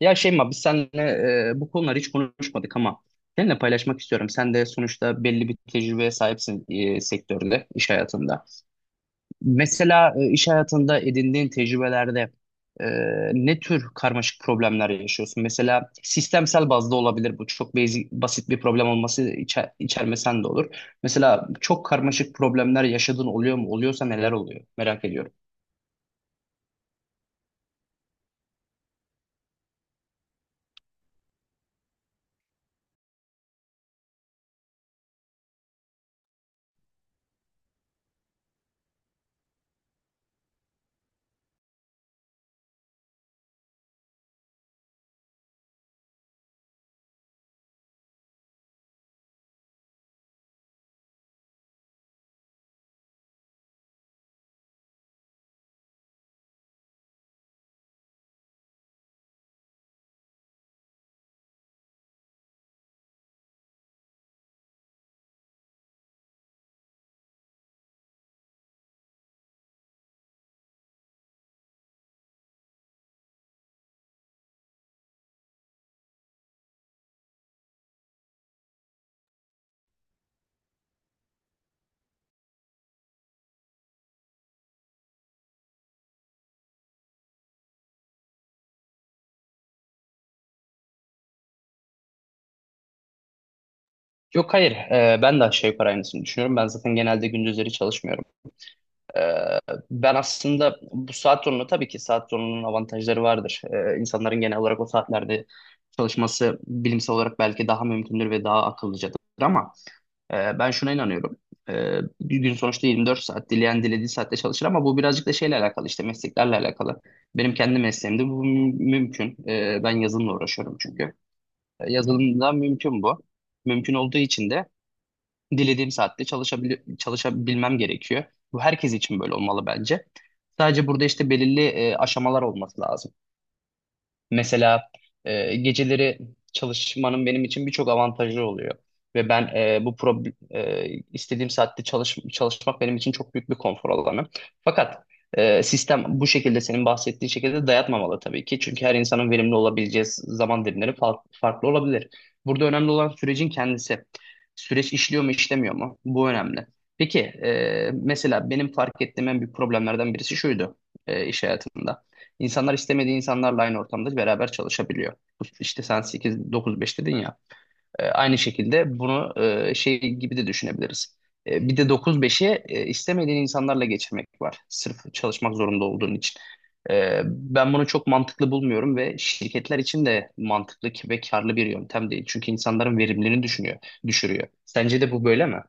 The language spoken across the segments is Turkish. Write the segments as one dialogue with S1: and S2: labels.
S1: Ya Şeyma biz seninle bu konuları hiç konuşmadık ama seninle paylaşmak istiyorum. Sen de sonuçta belli bir tecrübeye sahipsin sektörde, iş hayatında. Mesela iş hayatında edindiğin tecrübelerde e, ne tür karmaşık problemler yaşıyorsun? Mesela sistemsel bazda olabilir bu. Çok basic, basit bir problem olması içermesen de olur. Mesela çok karmaşık problemler yaşadığın oluyor mu? Oluyorsa neler oluyor? Merak ediyorum. Yok, hayır, ben de aşağı yukarı aynısını düşünüyorum. Ben zaten genelde gündüzleri çalışmıyorum. Ee, ben aslında bu saat zorunun avantajları vardır. İnsanların genel olarak o saatlerde çalışması bilimsel olarak belki daha mümkündür ve daha akıllıcadır ama ben şuna inanıyorum. Bir gün sonuçta 24 saat dileyen dilediği saatte çalışır ama bu birazcık da şeyle alakalı, işte mesleklerle alakalı. Benim kendi mesleğimde bu mümkün. Ben yazılımla uğraşıyorum çünkü. Yazılımda mümkün bu. Mümkün olduğu için de dilediğim saatte çalışabilmem gerekiyor. Bu herkes için böyle olmalı bence. Sadece burada işte belirli aşamalar olması lazım. Mesela geceleri çalışmanın benim için birçok avantajı oluyor. Ve ben, istediğim saatte çalışmak benim için çok büyük bir konfor alanı. Fakat sistem bu şekilde, senin bahsettiğin şekilde dayatmamalı tabii ki. Çünkü her insanın verimli olabileceği zaman dilimleri farklı olabilir. Burada önemli olan sürecin kendisi. Süreç işliyor mu, işlemiyor mu? Bu önemli. Peki, mesela benim fark ettiğim en büyük problemlerden birisi şuydu iş hayatımda. İnsanlar istemediği insanlarla aynı ortamda beraber çalışabiliyor. İşte sen 8-9-5 dedin ya. E, aynı şekilde bunu şey gibi de düşünebiliriz. E, bir de 9-5'i istemediğin insanlarla geçirmek var. Sırf çalışmak zorunda olduğun için. E, ben bunu çok mantıklı bulmuyorum ve şirketler için de mantıklı ve karlı bir yöntem değil. Çünkü insanların verimliliğini düşürüyor. Sence de bu böyle mi?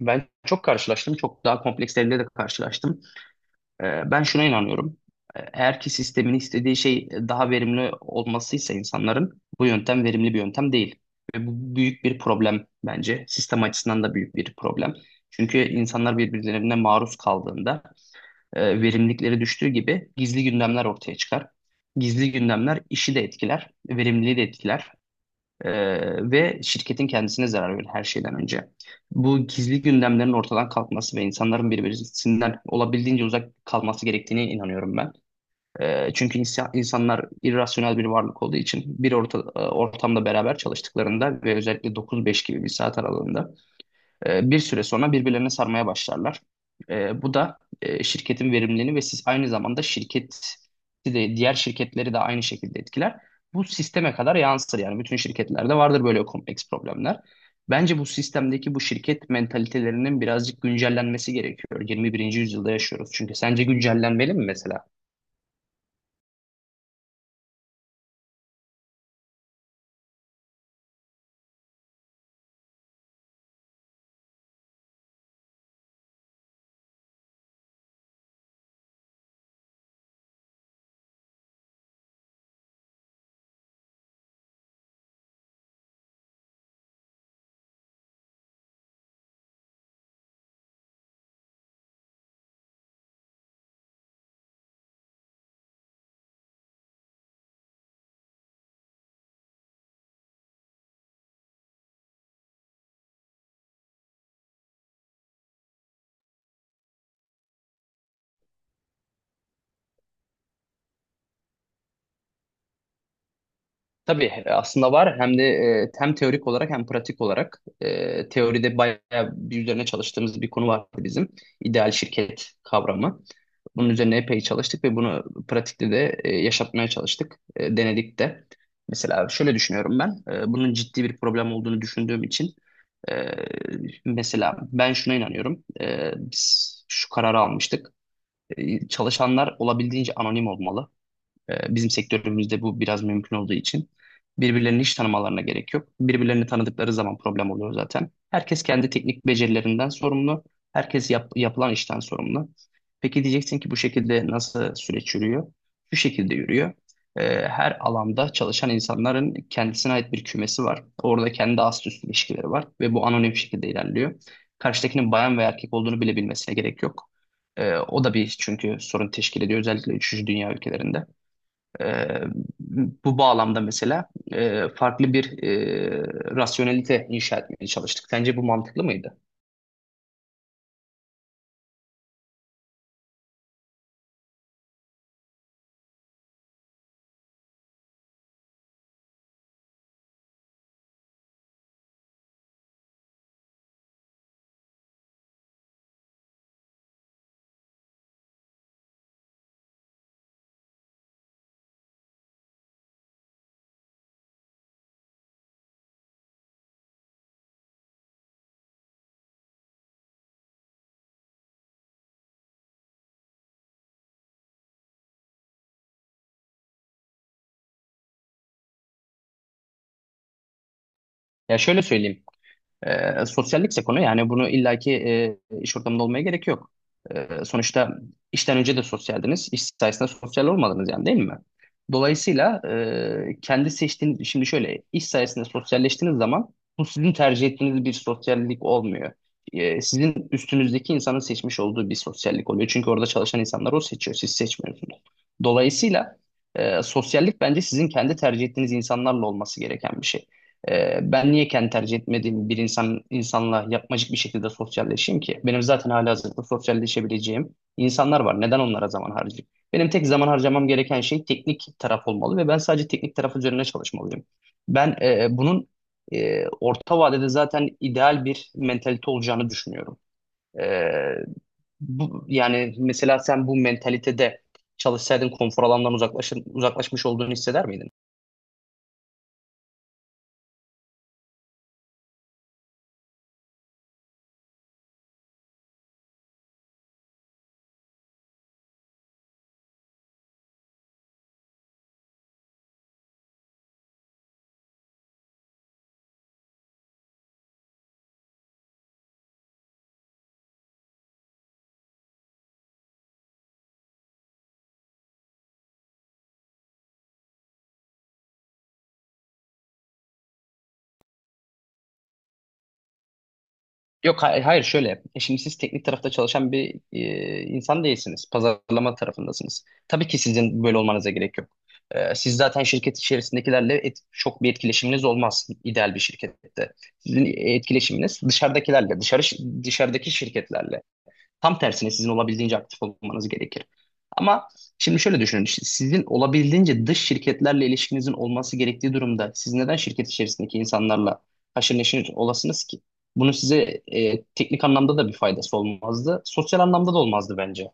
S1: Ben çok karşılaştım. Çok daha kompleks de karşılaştım. Ben şuna inanıyorum. Eğer ki sistemin istediği şey daha verimli olmasıysa insanların, bu yöntem verimli bir yöntem değil. Ve bu büyük bir problem bence. Sistem açısından da büyük bir problem. Çünkü insanlar birbirlerine maruz kaldığında verimlilikleri düştüğü gibi gizli gündemler ortaya çıkar. Gizli gündemler işi de etkiler, verimliliği de etkiler. Ve şirketin kendisine zarar verir her şeyden önce. Bu gizli gündemlerin ortadan kalkması ve insanların birbirisinden olabildiğince uzak kalması gerektiğine inanıyorum ben. Çünkü insanlar irrasyonel bir varlık olduğu için bir ortamda beraber çalıştıklarında ve özellikle 9-5 gibi bir saat aralığında bir süre sonra birbirlerine sarmaya başlarlar. E, bu da şirketin verimliliğini ve siz, aynı zamanda şirket de diğer şirketleri de aynı şekilde etkiler. Bu sisteme kadar yansır, yani bütün şirketlerde vardır böyle kompleks problemler. Bence bu sistemdeki bu şirket mentalitelerinin birazcık güncellenmesi gerekiyor. 21. yüzyılda yaşıyoruz. Çünkü sence güncellenmeli mi mesela? Tabii, aslında var, hem de hem teorik olarak hem pratik olarak. Teoride bayağı bir üzerine çalıştığımız bir konu vardı bizim, ideal şirket kavramı. Bunun üzerine epey çalıştık ve bunu pratikte de yaşatmaya çalıştık, denedik de. Mesela şöyle düşünüyorum ben, bunun ciddi bir problem olduğunu düşündüğüm için, e, mesela ben şuna inanıyorum, biz şu kararı almıştık, çalışanlar olabildiğince anonim olmalı. Bizim sektörümüzde bu biraz mümkün olduğu için birbirlerini hiç tanımalarına gerek yok. Birbirlerini tanıdıkları zaman problem oluyor zaten. Herkes kendi teknik becerilerinden sorumlu. Herkes yapılan işten sorumlu. Peki, diyeceksin ki bu şekilde nasıl süreç yürüyor? Şu şekilde yürüyor. Her alanda çalışan insanların kendisine ait bir kümesi var. Orada kendi ast üst ilişkileri var ve bu anonim şekilde ilerliyor. Karşıdakinin bayan veya erkek olduğunu bile bilmesine gerek yok. O da bir, çünkü sorun teşkil ediyor, özellikle üçüncü dünya ülkelerinde. Ee, bu bağlamda mesela farklı bir rasyonelite inşa etmeye çalıştık. Sence bu mantıklı mıydı? Ya şöyle söyleyeyim. Sosyallikse konu, yani bunu illaki iş ortamında olmaya gerek yok. Sonuçta işten önce de sosyaldiniz, iş sayesinde sosyal olmadınız, yani değil mi? Dolayısıyla kendi seçtiğiniz, şimdi şöyle, iş sayesinde sosyalleştiğiniz zaman bu sizin tercih ettiğiniz bir sosyallik olmuyor. Sizin üstünüzdeki insanın seçmiş olduğu bir sosyallik oluyor. Çünkü orada çalışan insanlar, o seçiyor, siz seçmiyorsunuz. Dolayısıyla sosyallik bence sizin kendi tercih ettiğiniz insanlarla olması gereken bir şey. Ben niye kendi tercih etmediğim bir insanla yapmacık bir şekilde sosyalleşeyim ki? Benim zaten halihazırda sosyalleşebileceğim insanlar var. Neden onlara zaman harcayayım? Benim tek zaman harcamam gereken şey teknik taraf olmalı ve ben sadece teknik taraf üzerine çalışmalıyım. Ben, bunun orta vadede zaten ideal bir mentalite olacağını düşünüyorum. E, bu, yani mesela sen bu mentalitede çalışsaydın, konfor uzaklaşmış olduğunu hisseder miydin? Yok, hayır, şöyle. E, şimdi siz teknik tarafta çalışan bir insan değilsiniz. Pazarlama tarafındasınız. Tabii ki sizin böyle olmanıza gerek yok. E, siz zaten şirket içerisindekilerle çok bir etkileşiminiz olmaz ideal bir şirkette. Sizin etkileşiminiz dışarıdakilerle, dışarıdaki şirketlerle. Tam tersine sizin olabildiğince aktif olmanız gerekir. Ama şimdi şöyle düşünün. İşte sizin olabildiğince dış şirketlerle ilişkinizin olması gerektiği durumda siz neden şirket içerisindeki insanlarla haşır neşir olasınız ki? Bunun size teknik anlamda da bir faydası olmazdı. Sosyal anlamda da olmazdı bence.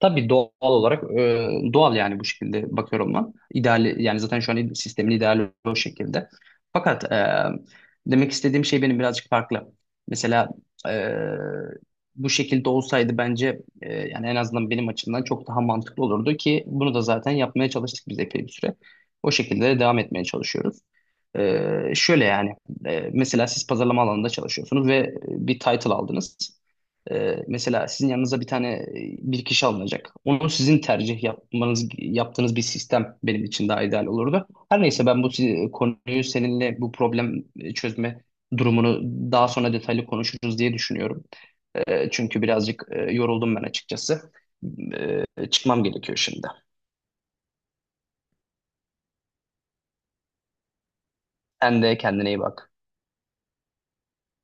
S1: Tabii doğal olarak, e, doğal yani bu şekilde bakıyorum ben. İdeal, yani zaten şu an sistemin ideali o şekilde. Fakat demek istediğim şey benim birazcık farklı. Mesela e, bu şekilde olsaydı bence, yani en azından benim açımdan çok daha mantıklı olurdu ki bunu da zaten yapmaya çalıştık biz epey bir süre. O şekilde de devam etmeye çalışıyoruz. Şöyle yani mesela siz pazarlama alanında çalışıyorsunuz ve bir title aldınız. Mesela sizin yanınıza bir tane bir kişi alınacak. Onu sizin tercih yapmanız yaptığınız bir sistem benim için daha ideal olurdu. Her neyse, ben bu konuyu seninle, bu problem çözme durumunu daha sonra detaylı konuşuruz diye düşünüyorum. Çünkü birazcık yoruldum ben açıkçası. Çıkmam gerekiyor şimdi. Sen de kendine iyi bak.